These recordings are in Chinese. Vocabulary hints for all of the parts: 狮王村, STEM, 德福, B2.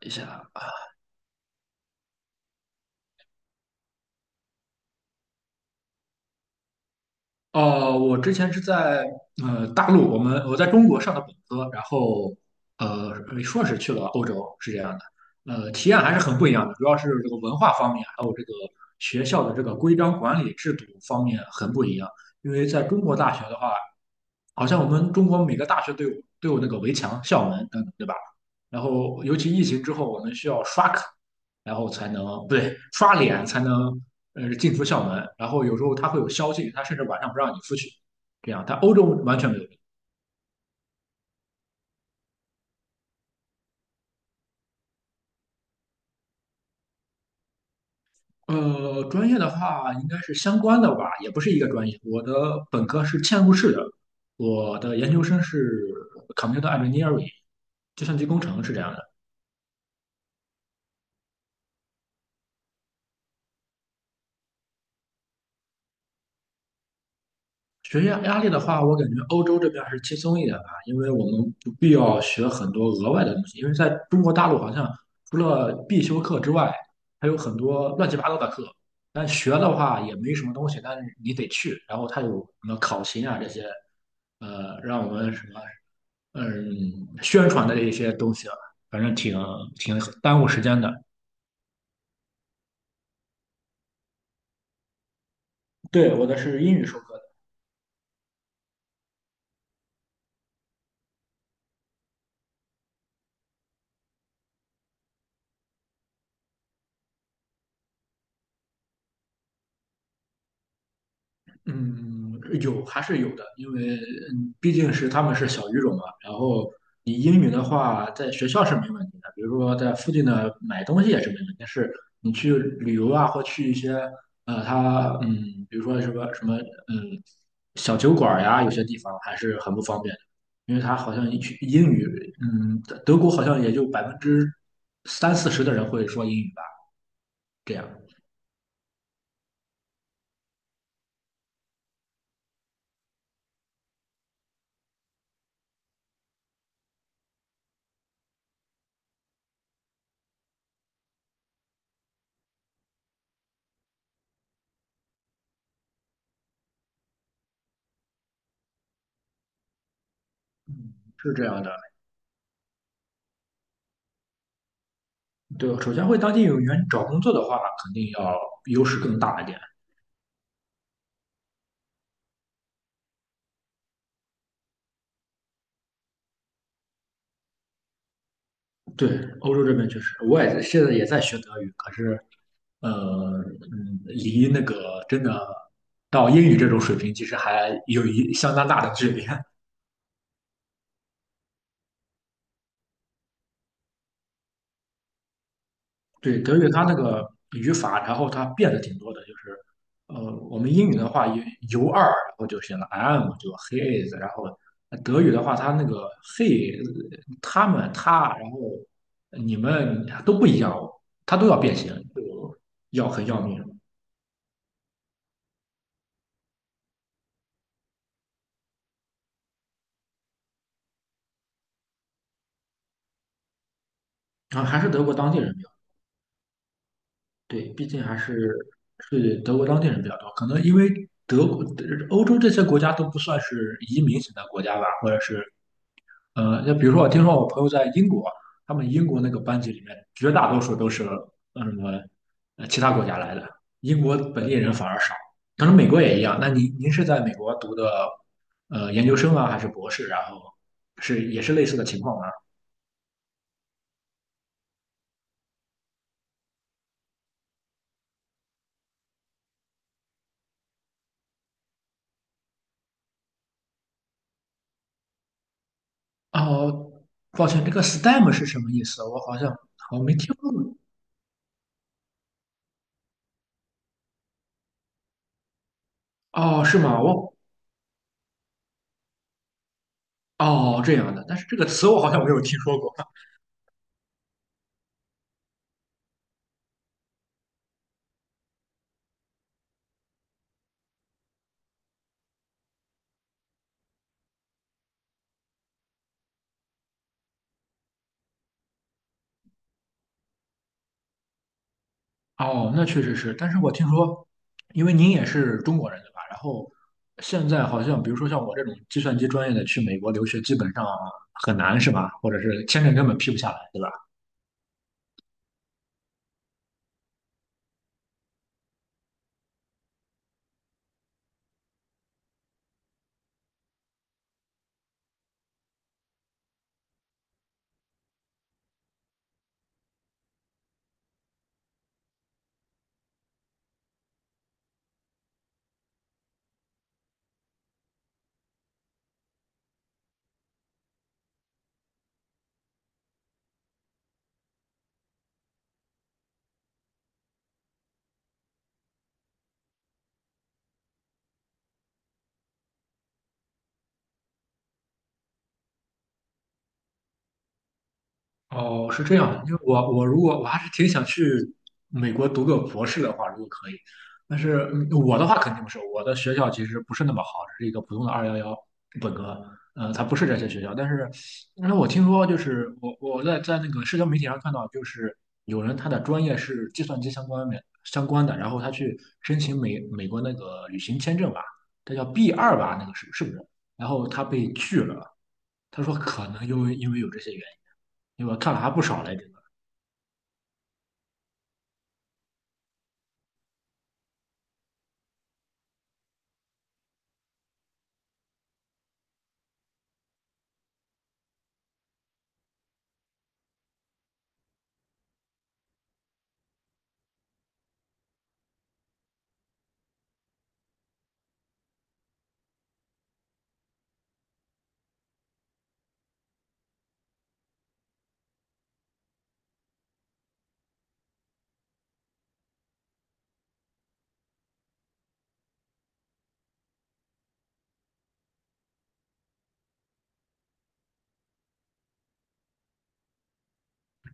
一下，哦，我之前是在大陆，我在中国上的本科，然后呃硕士去了欧洲，是这样的，体验还是很不一样的，主要是这个文化方面，还有这个学校的这个规章管理制度方面很不一样。因为在中国大学的话，好像我们中国每个大学都有那个围墙、校门等等，对吧？然后尤其疫情之后，我们需要刷卡，然后才能不对刷脸才能进出校门。然后有时候他会有宵禁，他甚至晚上不让你出去。这样，但欧洲完全没有。专业的话应该是相关的吧，也不是一个专业。我的本科是嵌入式的，我的研究生是 computer engineering，计算机工程是这样的。学业压力的话，我感觉欧洲这边还是轻松一点吧，因为我们不必要学很多额外的东西。因为在中国大陆，好像除了必修课之外，还有很多乱七八糟的课。但学的话也没什么东西，但是你得去。然后它有什么考勤啊这些，让我们什么嗯宣传的一些东西啊，反正挺耽误时间的。对，我的是英语授课，嗯，有还是有的，因为毕竟是他们是小语种嘛。然后你英语的话，在学校是没问题的，比如说在附近的买东西也是没问题。但是你去旅游啊，或去一些他比如说什么什么小酒馆儿呀，有些地方还是很不方便的，因为他好像一去英语，德国好像也就百分之三四十的人会说英语吧，这样是这样的。对，首先回当地有员找工作的话，肯定要优势更大一点。对，欧洲这边确实，我也在现在也在学德语，可是呃，离那个真的到英语这种水平，其实还有一相当大的距离。对，德语它那个语法，然后它变的挺多的，就是我们英语的话有 u 二，然后就写了 am,就 he is,然后德语的话，它那个 he、他们、他，然后你们都不一样哦，它都要变形，就要很要命。然后还是德国当地人比较对，毕竟还是德国当地人比较多，可能因为德国、欧洲这些国家都不算是移民型的国家吧，或者是那比如说我听说我朋友在英国，他们英国那个班级里面绝大多数都是什么其他国家来的，英国本地人反而少。可能美国也一样。那您是在美国读的研究生啊，还是博士？然后是也是类似的情况吗？哦，抱歉，这个 STEM 是什么意思？我好像没听过。哦，是吗？哦这样的，但是这个词我好像没有听说过。哦，那确实是，但是我听说，因为您也是中国人对吧？然后现在好像，比如说像我这种计算机专业的去美国留学，基本上很难是吧？或者是签证根本批不下来，对吧？哦，是这样的因为我如果我还是挺想去美国读个博士的话，如果可以，但是我的话肯定不是，我的学校其实不是那么好，只是一个普通的211本科，呃，它不是这些学校。但是，那我听说就是我我在那个社交媒体上看到，就是有人他的专业是计算机相关的，然后他去申请美国那个旅行签证吧，这叫 B2吧，那个是是不是？然后他被拒了，他说可能因为有这些原因。因为我看了还不少来着。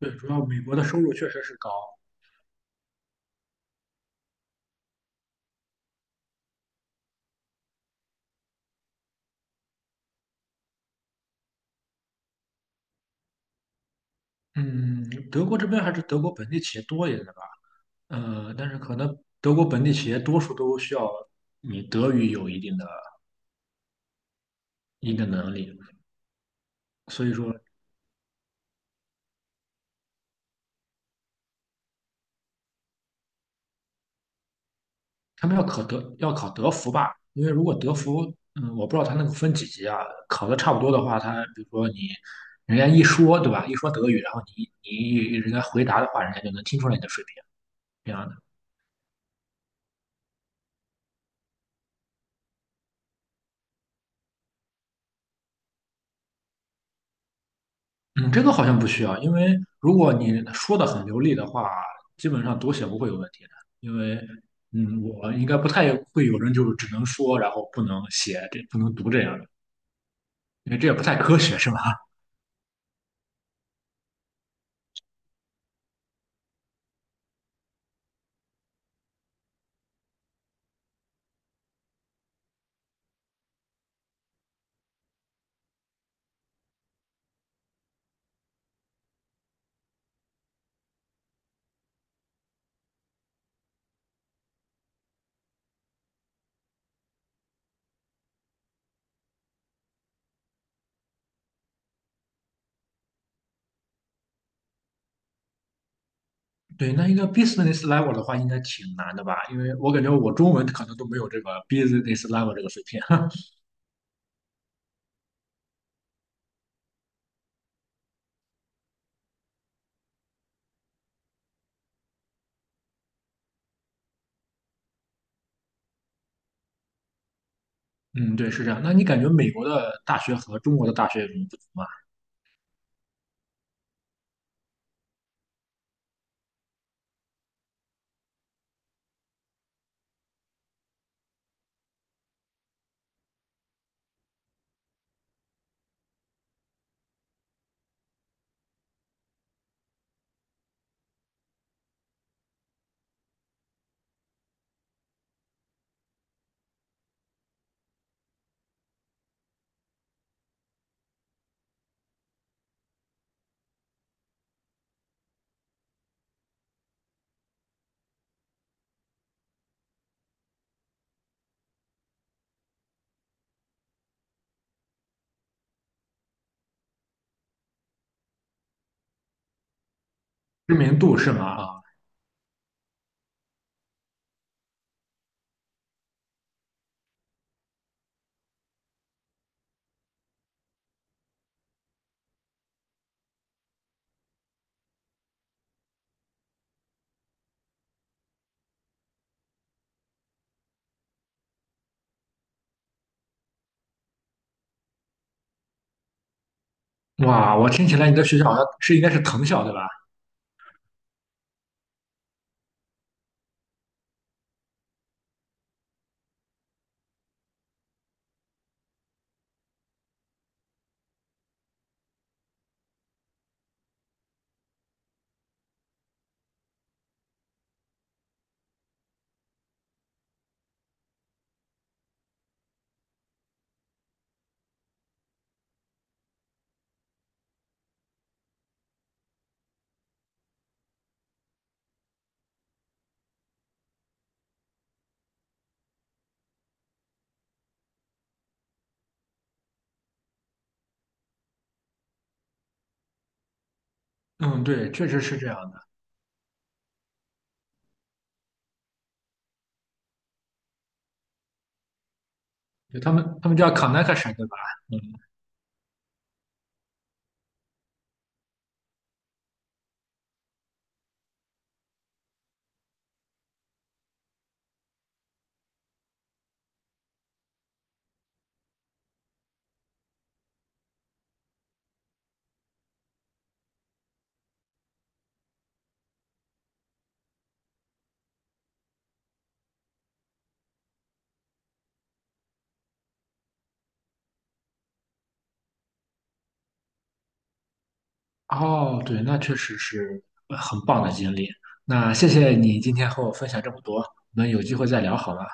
对，主要美国的收入确实是高。嗯，德国这边还是德国本地企业多一点的吧。呃，但是可能德国本地企业多数都需要你德语有一定的能力，所以说他们要考德福吧，因为如果德福，我不知道他那个分几级啊，考的差不多的话，他比如说你人家一说对吧，一说德语，然后你人家回答的话，人家就能听出来你的水平，这样的。嗯，这个好像不需要，因为如果你说的很流利的话，基本上读写不会有问题的。因为，嗯，我应该不太会有人就是只能说，然后不能写，这不能读这样的，因为这也不太科学，是吧？对，那一个 business level 的话，应该挺难的吧？因为我感觉我中文可能都没有这个 business level 这个水平。嗯，对，是这样。那你感觉美国的大学和中国的大学有什么不同吗？知名度是吗？啊，哇，我听起来你的学校好像是应该是藤校，对吧？嗯，对，确实是这样的。就他们叫 Connection 对吧？嗯，哦，对，那确实是很棒的经历。那谢谢你今天和我分享这么多，我们有机会再聊好吗？